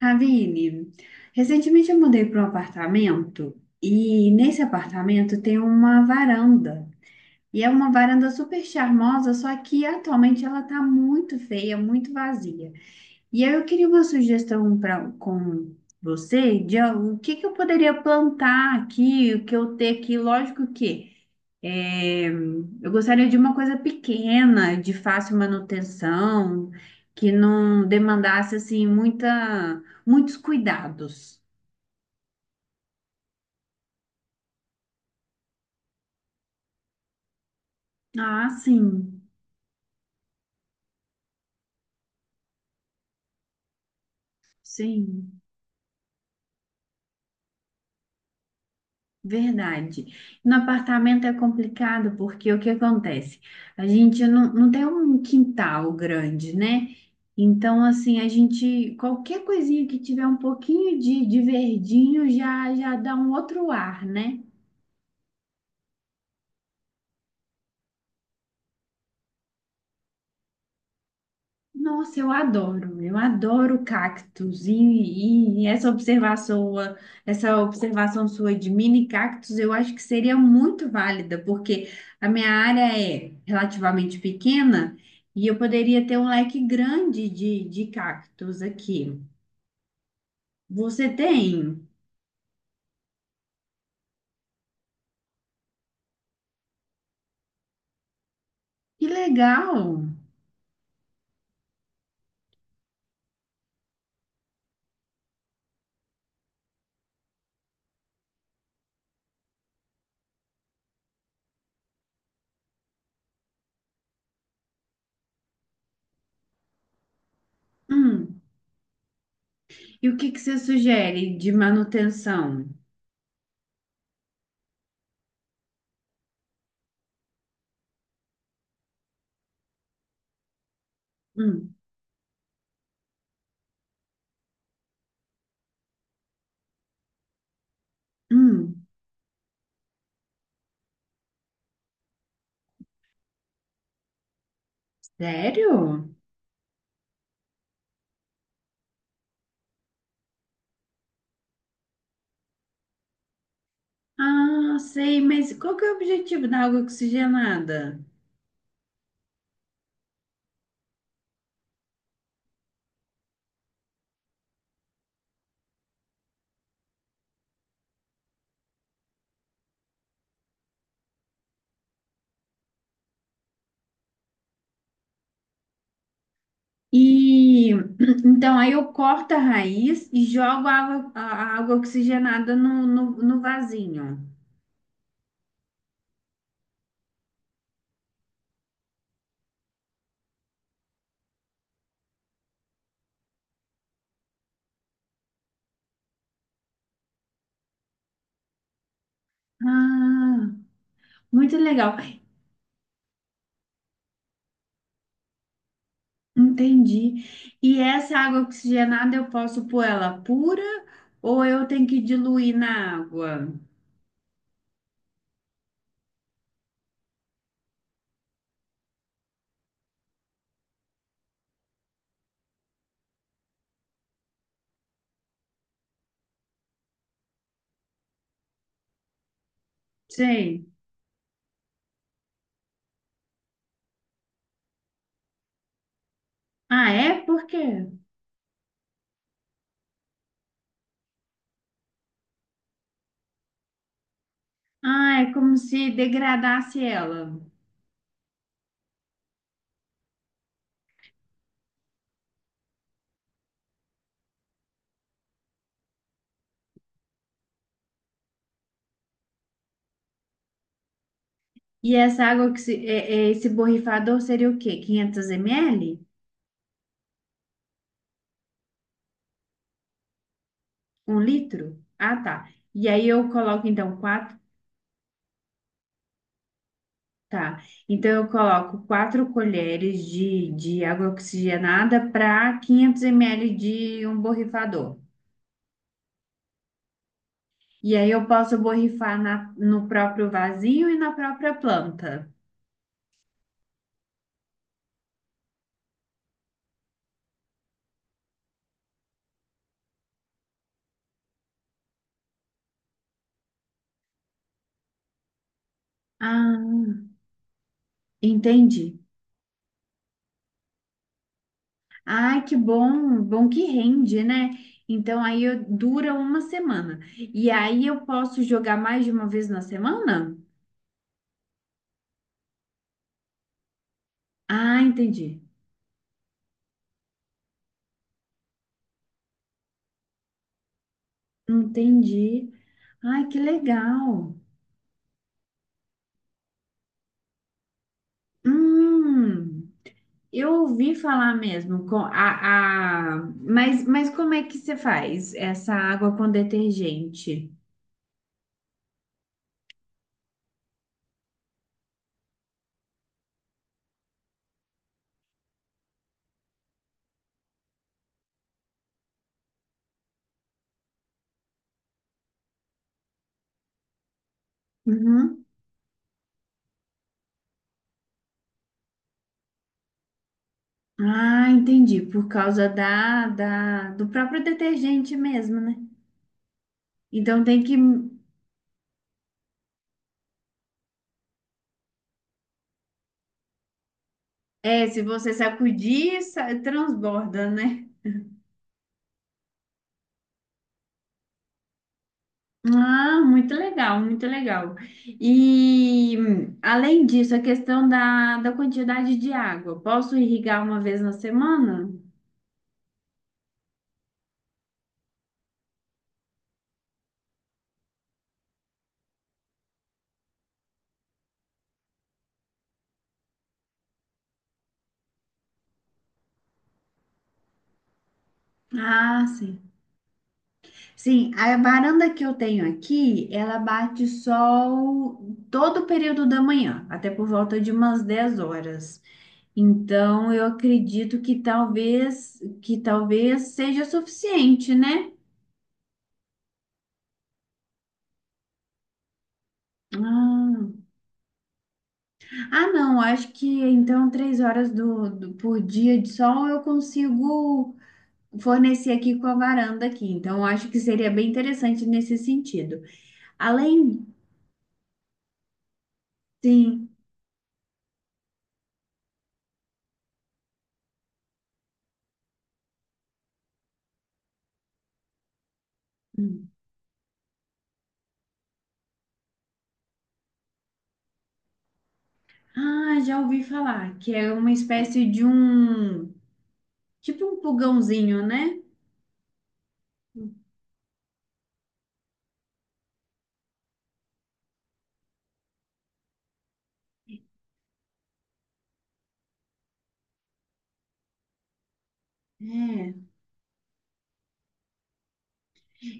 Aline, recentemente eu mudei para um apartamento e nesse apartamento tem uma varanda. E é uma varanda super charmosa, só que atualmente ela está muito feia, muito vazia. E aí eu queria uma sugestão com você de o que que eu poderia plantar aqui, o que eu ter aqui. Lógico que. Eu gostaria de uma coisa pequena, de fácil manutenção, que não demandasse assim muitos cuidados. Ah, sim, sim, verdade. No apartamento é complicado porque o que acontece? A gente não tem um quintal grande, né? Então, assim, a gente, qualquer coisinha que tiver um pouquinho de verdinho já dá um outro ar, né? Nossa, eu adoro cactos e essa essa observação sua de mini cactos, eu acho que seria muito válida, porque a minha área é relativamente pequena e eu poderia ter um leque grande de cactos aqui. Você tem? Que legal! Hum, E o que que você sugere de manutenção? Hum. Hum. Sério? Ah, sei, mas qual que é o objetivo da água oxigenada? E então aí eu corto a raiz e jogo a água, a água oxigenada no vasinho. Ah, muito legal. Entendi. E essa água oxigenada eu posso pôr ela pura ou eu tenho que diluir na água? Sei. Ah, é? Por quê? Ah, é como se degradasse ela. E essa água que se, é- é esse borrifador seria o quê? 500 ml? Um litro? Ah, tá. E aí eu coloco então quatro, tá? Então eu coloco 4 colheres de água oxigenada para 500 ml de um borrifador. E aí eu posso borrifar no próprio vasinho e na própria planta. Ah, entendi. Ai, que bom, bom que rende, né? Dura uma semana. E aí eu posso jogar mais de uma vez na semana? Ah, entendi. Entendi. Ai, que legal. Hum, eu ouvi falar mesmo com a... mas como é que você faz essa água com detergente? Uhum. Ah, entendi. Por causa do próprio detergente mesmo, né? Então tem que É, se você transborda, né? Ah, muito legal, muito legal. E além disso, a questão da quantidade de água. Posso irrigar uma vez na semana? Ah, sim. Sim, a varanda que eu tenho aqui, ela bate sol todo o período da manhã, até por volta de umas 10 horas. Então, eu acredito que talvez seja suficiente, né? Ah. Ah, não, acho que então 3 horas por dia de sol eu consigo fornecer aqui com a varanda aqui. Então, acho que seria bem interessante nesse sentido. Além, sim. Hum. Ah, já ouvi falar que é uma espécie de um, tipo um pulgãozinho, né? É.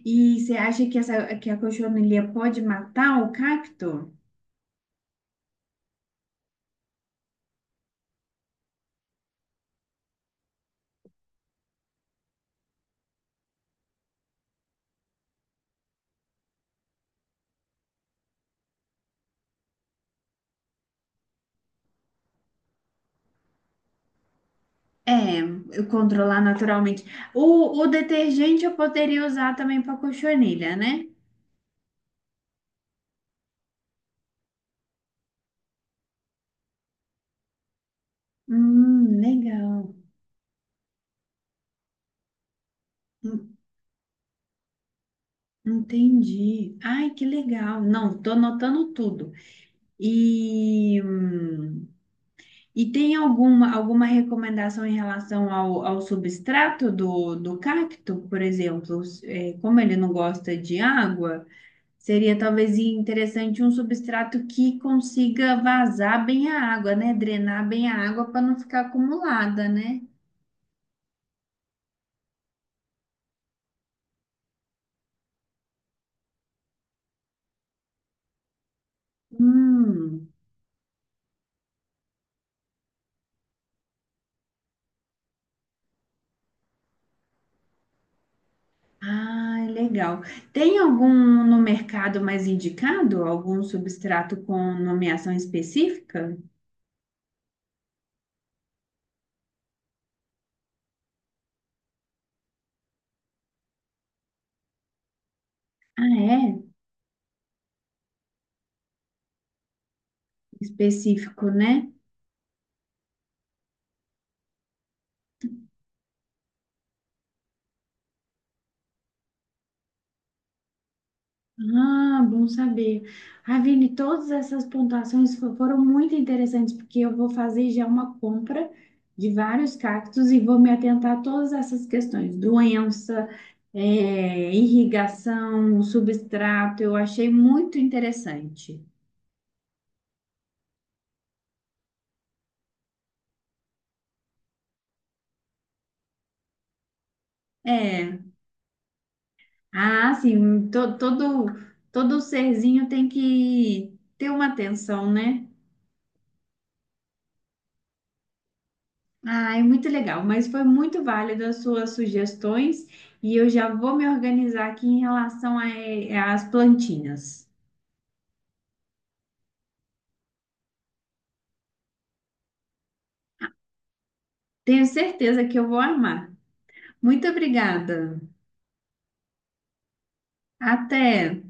E você acha que a cochonilha pode matar o cacto? É, eu controlar naturalmente. O detergente eu poderia usar também para cochonilha, né? Legal. En- Entendi. Ai, que legal. Não, tô anotando tudo. E, hum, e tem alguma recomendação em relação ao, ao substrato do cacto, por exemplo? Como ele não gosta de água, seria talvez interessante um substrato que consiga vazar bem a água, né? Drenar bem a água para não ficar acumulada, né? Hum. Ah, legal. Tem algum no mercado mais indicado? Algum substrato com nomeação específica? Ah, é? Específico, né? Ah, bom saber. Ah, Vini, todas essas pontuações foram muito interessantes, porque eu vou fazer já uma compra de vários cactos e vou me atentar a todas essas questões: doença, irrigação, substrato. Eu achei muito interessante. É. Ah, sim, todo serzinho tem que ter uma atenção, né? Ah, é muito legal, mas foi muito válido as suas sugestões e eu já vou me organizar aqui em relação às plantinhas. Tenho certeza que eu vou amar. Muito obrigada. Até!